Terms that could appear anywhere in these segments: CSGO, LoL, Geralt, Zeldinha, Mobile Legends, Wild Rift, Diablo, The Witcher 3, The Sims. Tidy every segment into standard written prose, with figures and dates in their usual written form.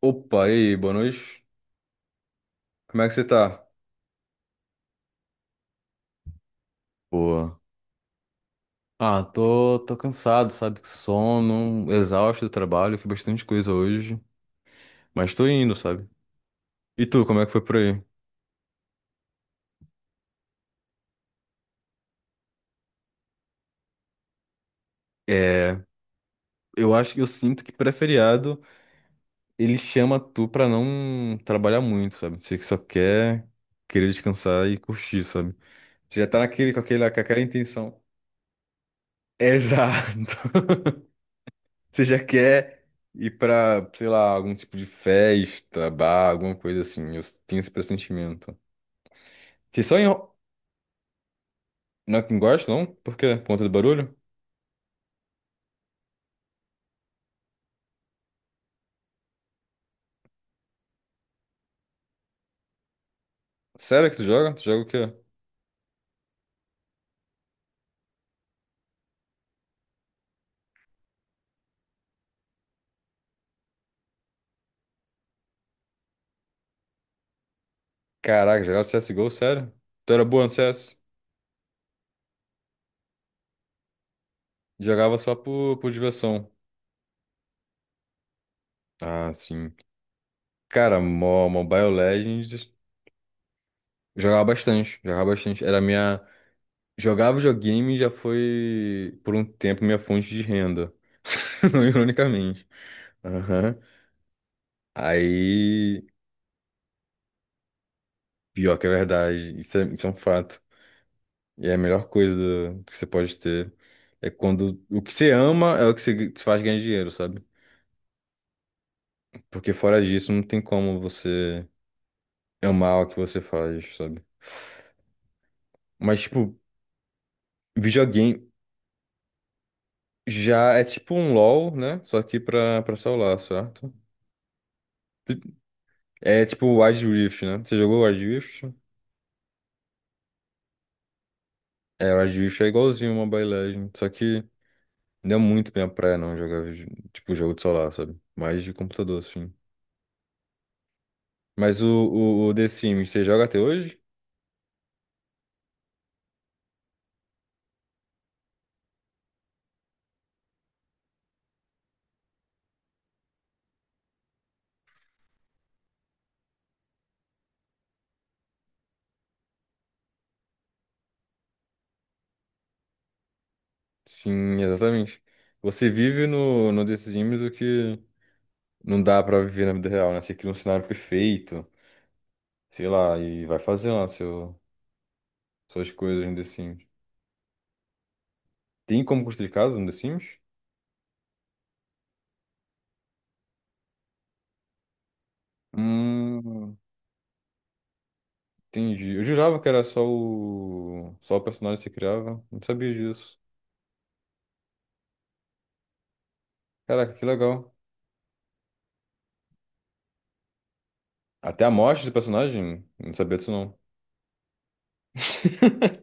Opa, e aí, boa noite. Como é que você tá? Boa. Ah, tô cansado, sabe? Sono, exausto do trabalho, fiz bastante coisa hoje, mas tô indo, sabe? E tu, como é que foi por aí? É, eu acho que eu sinto que pré-feriado ele chama tu pra não trabalhar muito, sabe? Você que só quer querer descansar e curtir, sabe? Você já tá naquele, com aquele, com aquela intenção. Exato. Você já quer ir pra, sei lá, algum tipo de festa, bar, alguma coisa assim. Eu tenho esse pressentimento. Vocês só enro... não é que gosta, não? Por quê? Por conta do barulho? Sério que tu joga? Tu joga o quê? Caraca, jogava CSGO, sério? Tu era boa no CS? Jogava só por diversão. Ah, sim. Cara, Mobile Legends, jogava bastante, jogava bastante. Era minha... Jogava videogame e já foi, por um tempo, minha fonte de renda. Ironicamente. Aham. Aí, pior que é verdade, isso é um fato. E é a melhor coisa do- que você pode ter. É quando o que você ama é o que você te faz ganhar dinheiro, sabe? Porque fora disso, não tem como você amar o que você faz, sabe? Mas, tipo, videogame já é tipo um LoL, né? Só que pra celular, certo? É tipo o Wild Rift, né? Você jogou o Wild Rift? É, o Wild Rift é igualzinho uma Mobile Legends, só que não é muito minha praia não jogar, tipo, jogo de celular, sabe? Mais de computador, assim. Mas o The Sims, você joga até hoje? Sim, exatamente. Você vive no, no The Sims o que não dá pra viver na vida real, né? Você cria um cenário perfeito, sei lá, e vai fazendo lá seu, suas coisas no The Sims. Tem como construir casa no The Sims? Hum, entendi. Eu jurava que era só só o personagem que você criava. Não sabia disso. Caraca, que legal. Até a morte do personagem? Não sabia disso, não.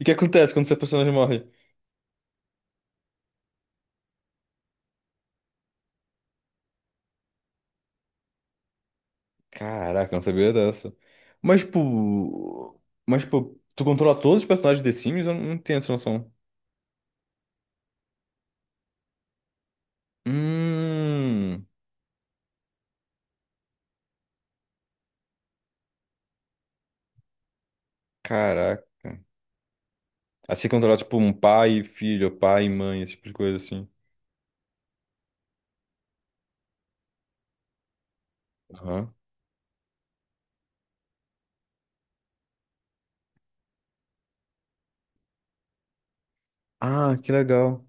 E o que acontece quando seu personagem morre? Caraca, eu não sabia dessa. Mas, tipo. Mas, tipo, tu controla todos os personagens de The Sims? Eu não tenho essa noção. Hum. Caraca. Assim que tipo, um pai e filho, pai e mãe, esse tipo de coisa assim. Aham. Ah, que legal.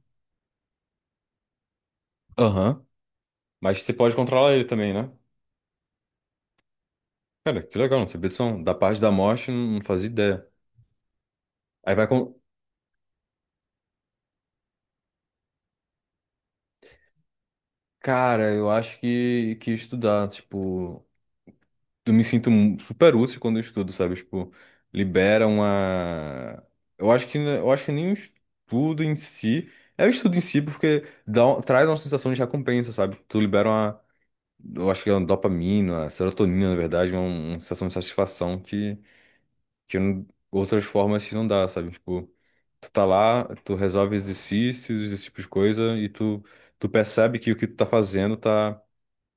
Aham. Mas você pode controlar ele também, né? Cara, que legal, não sabia disso. Não. Da parte da morte, não fazia ideia. Aí vai com. Cara, eu acho que ia estudar, tipo. Eu me sinto super útil quando eu estudo, sabe? Tipo, libera uma. Eu acho que nem o estudo em si. É o estudo em si porque dá, traz uma sensação de recompensa, sabe? Tu libera uma. Eu acho que é uma dopamina, uma serotonina, na verdade, uma sensação de satisfação que, que não- outras formas que não dá, sabe? Tipo, tu tá lá, tu resolve exercícios, esse tipo de coisa, e tu, tu percebe que o que tu tá fazendo tá,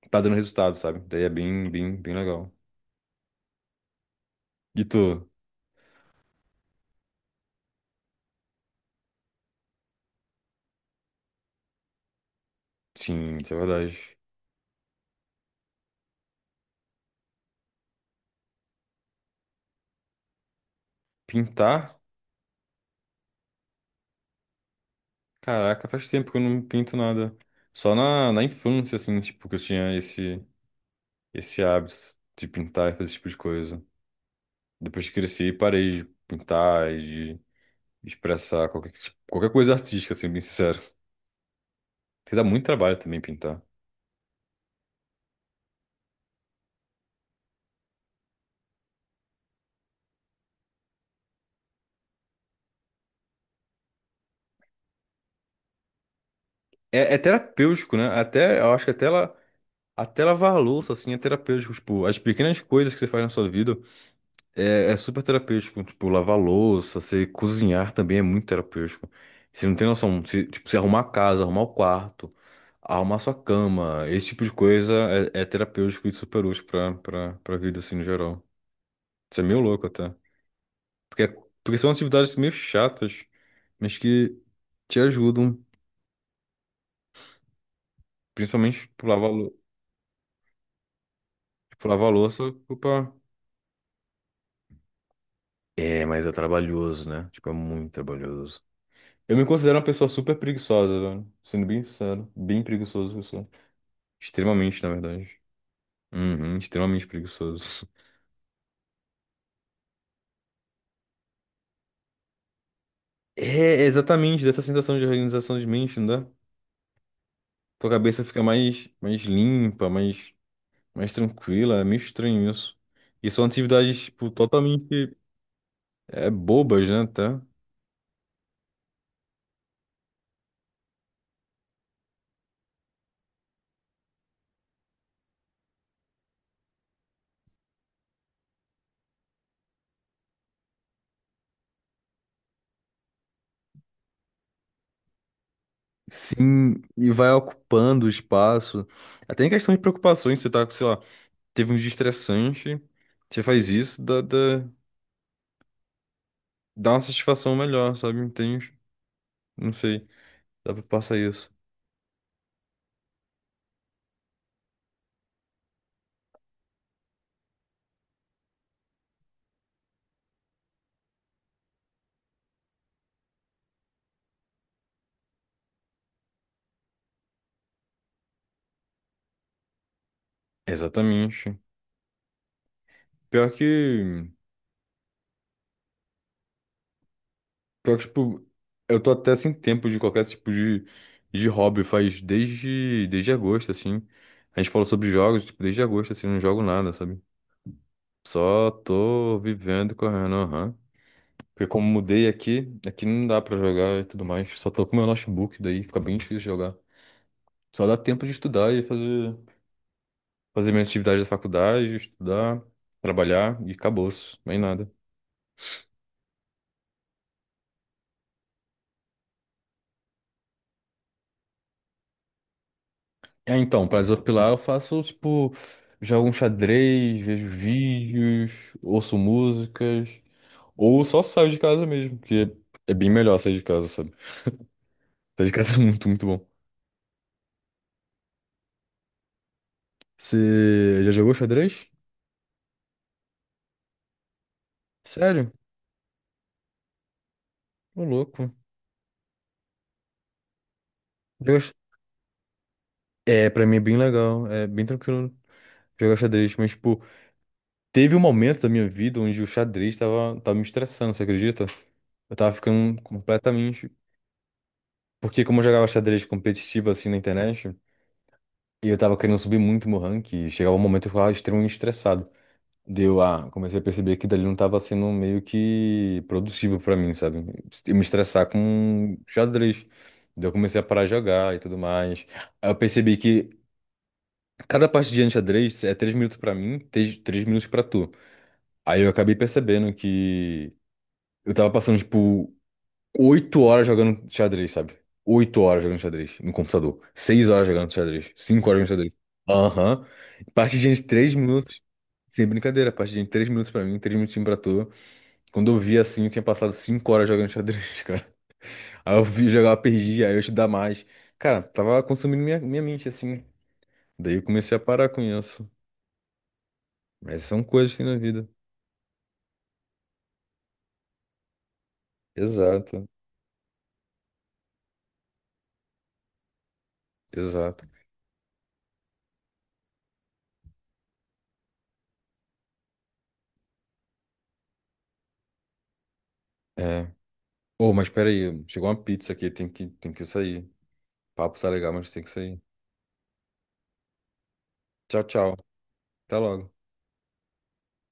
tá dando resultado, sabe? Daí é bem, bem, bem legal. E tu? Sim, isso é verdade. Pintar? Caraca, faz tempo que eu não pinto nada. Só na, na infância, assim, tipo, que eu tinha esse, esse hábito de pintar e fazer esse tipo de coisa. Depois que cresci, parei de pintar e de expressar qualquer, qualquer coisa artística, assim, bem sincero. Porque dá muito trabalho também pintar. É, é terapêutico, né? Até, eu acho que até, até lavar a louça, assim, é terapêutico. Tipo, as pequenas coisas que você faz na sua vida é, é super terapêutico, tipo, lavar louça, você cozinhar também é muito terapêutico. Você não tem noção, se, tipo, você arrumar a casa, arrumar o quarto, arrumar sua cama, esse tipo de coisa é, é terapêutico e super útil pra vida, assim, no geral. Isso é meio louco até. Porque, porque são atividades meio chatas, mas que te ajudam, principalmente tipo, tipo, lavar louça, opa. É, mas é trabalhoso, né? Tipo, é muito trabalhoso. Eu me considero uma pessoa super preguiçosa, velho. Sendo bem sincero. Bem preguiçoso, eu sou. Extremamente, na verdade. Uhum, extremamente preguiçoso. É, exatamente, dessa sensação de organização de mente, não dá? Tua cabeça fica mais, mais limpa, mais, mais tranquila. É meio estranho isso. E são atividades, tipo, totalmente bobas, né, tá? Sim, e vai ocupando o espaço. Até em questão de preocupações, você tá, sei lá, teve um dia estressante, você faz isso, dá uma satisfação melhor, sabe? Entende? Não sei, dá pra passar isso. Exatamente. Pior que, pior que, tipo, eu tô até sem tempo de qualquer tipo de hobby, faz desde agosto, assim. A gente falou sobre jogos, tipo, desde agosto, assim, não jogo nada, sabe? Só tô vivendo e correndo, aham. Porque como mudei aqui, aqui não dá pra jogar e tudo mais. Só tô com meu notebook, daí fica bem difícil jogar. Só dá tempo de estudar e fazer. Fazer minhas atividades da faculdade, estudar, trabalhar e acabou-se, nem nada. Ah, então, pra desopilar eu faço, tipo, jogo um xadrez, vejo vídeos, ouço músicas, ou só saio de casa mesmo, que é bem melhor sair de casa, sabe? Sair de casa é muito, muito bom. Você já jogou xadrez? Sério? Ô, louco. Jogar x- É, pra mim é bem legal, é bem tranquilo jogar xadrez, mas, tipo, teve um momento da minha vida onde o xadrez tava me estressando, você acredita? Eu tava ficando completamente. Porque como eu jogava xadrez competitivo assim na internet, e eu tava querendo subir muito meu ranking, e chegava um momento que eu ficava extremamente estressado. Deu a. Comecei a perceber que dali não tava sendo meio que produtivo pra mim, sabe? Eu me estressar com xadrez. Daí eu comecei a parar de jogar e tudo mais. Aí eu percebi que cada partidinha de xadrez é 3 minutos pra mim, três minutos pra tu. Aí eu acabei percebendo que eu tava passando, tipo, 8 horas jogando xadrez, sabe? 8 horas jogando xadrez no computador. 6 horas jogando xadrez. 5 horas jogando xadrez. Aham. Partidinha de 3 minutos. Sem brincadeira, partidinha de três minutos pra mim, 3 minutinhos pra tu. Quando eu vi assim, eu tinha passado 5 horas jogando xadrez, cara. Aí eu vi jogar, perdi, aí eu estudar mais. Cara, tava consumindo minha mente, assim. Daí eu comecei a parar com isso. Mas são coisas que tem na vida. Exato, exato. É. Ô, mas peraí, chegou uma pizza aqui, tem que sair. Papo tá legal, mas tem que sair. Tchau, tchau. Até logo.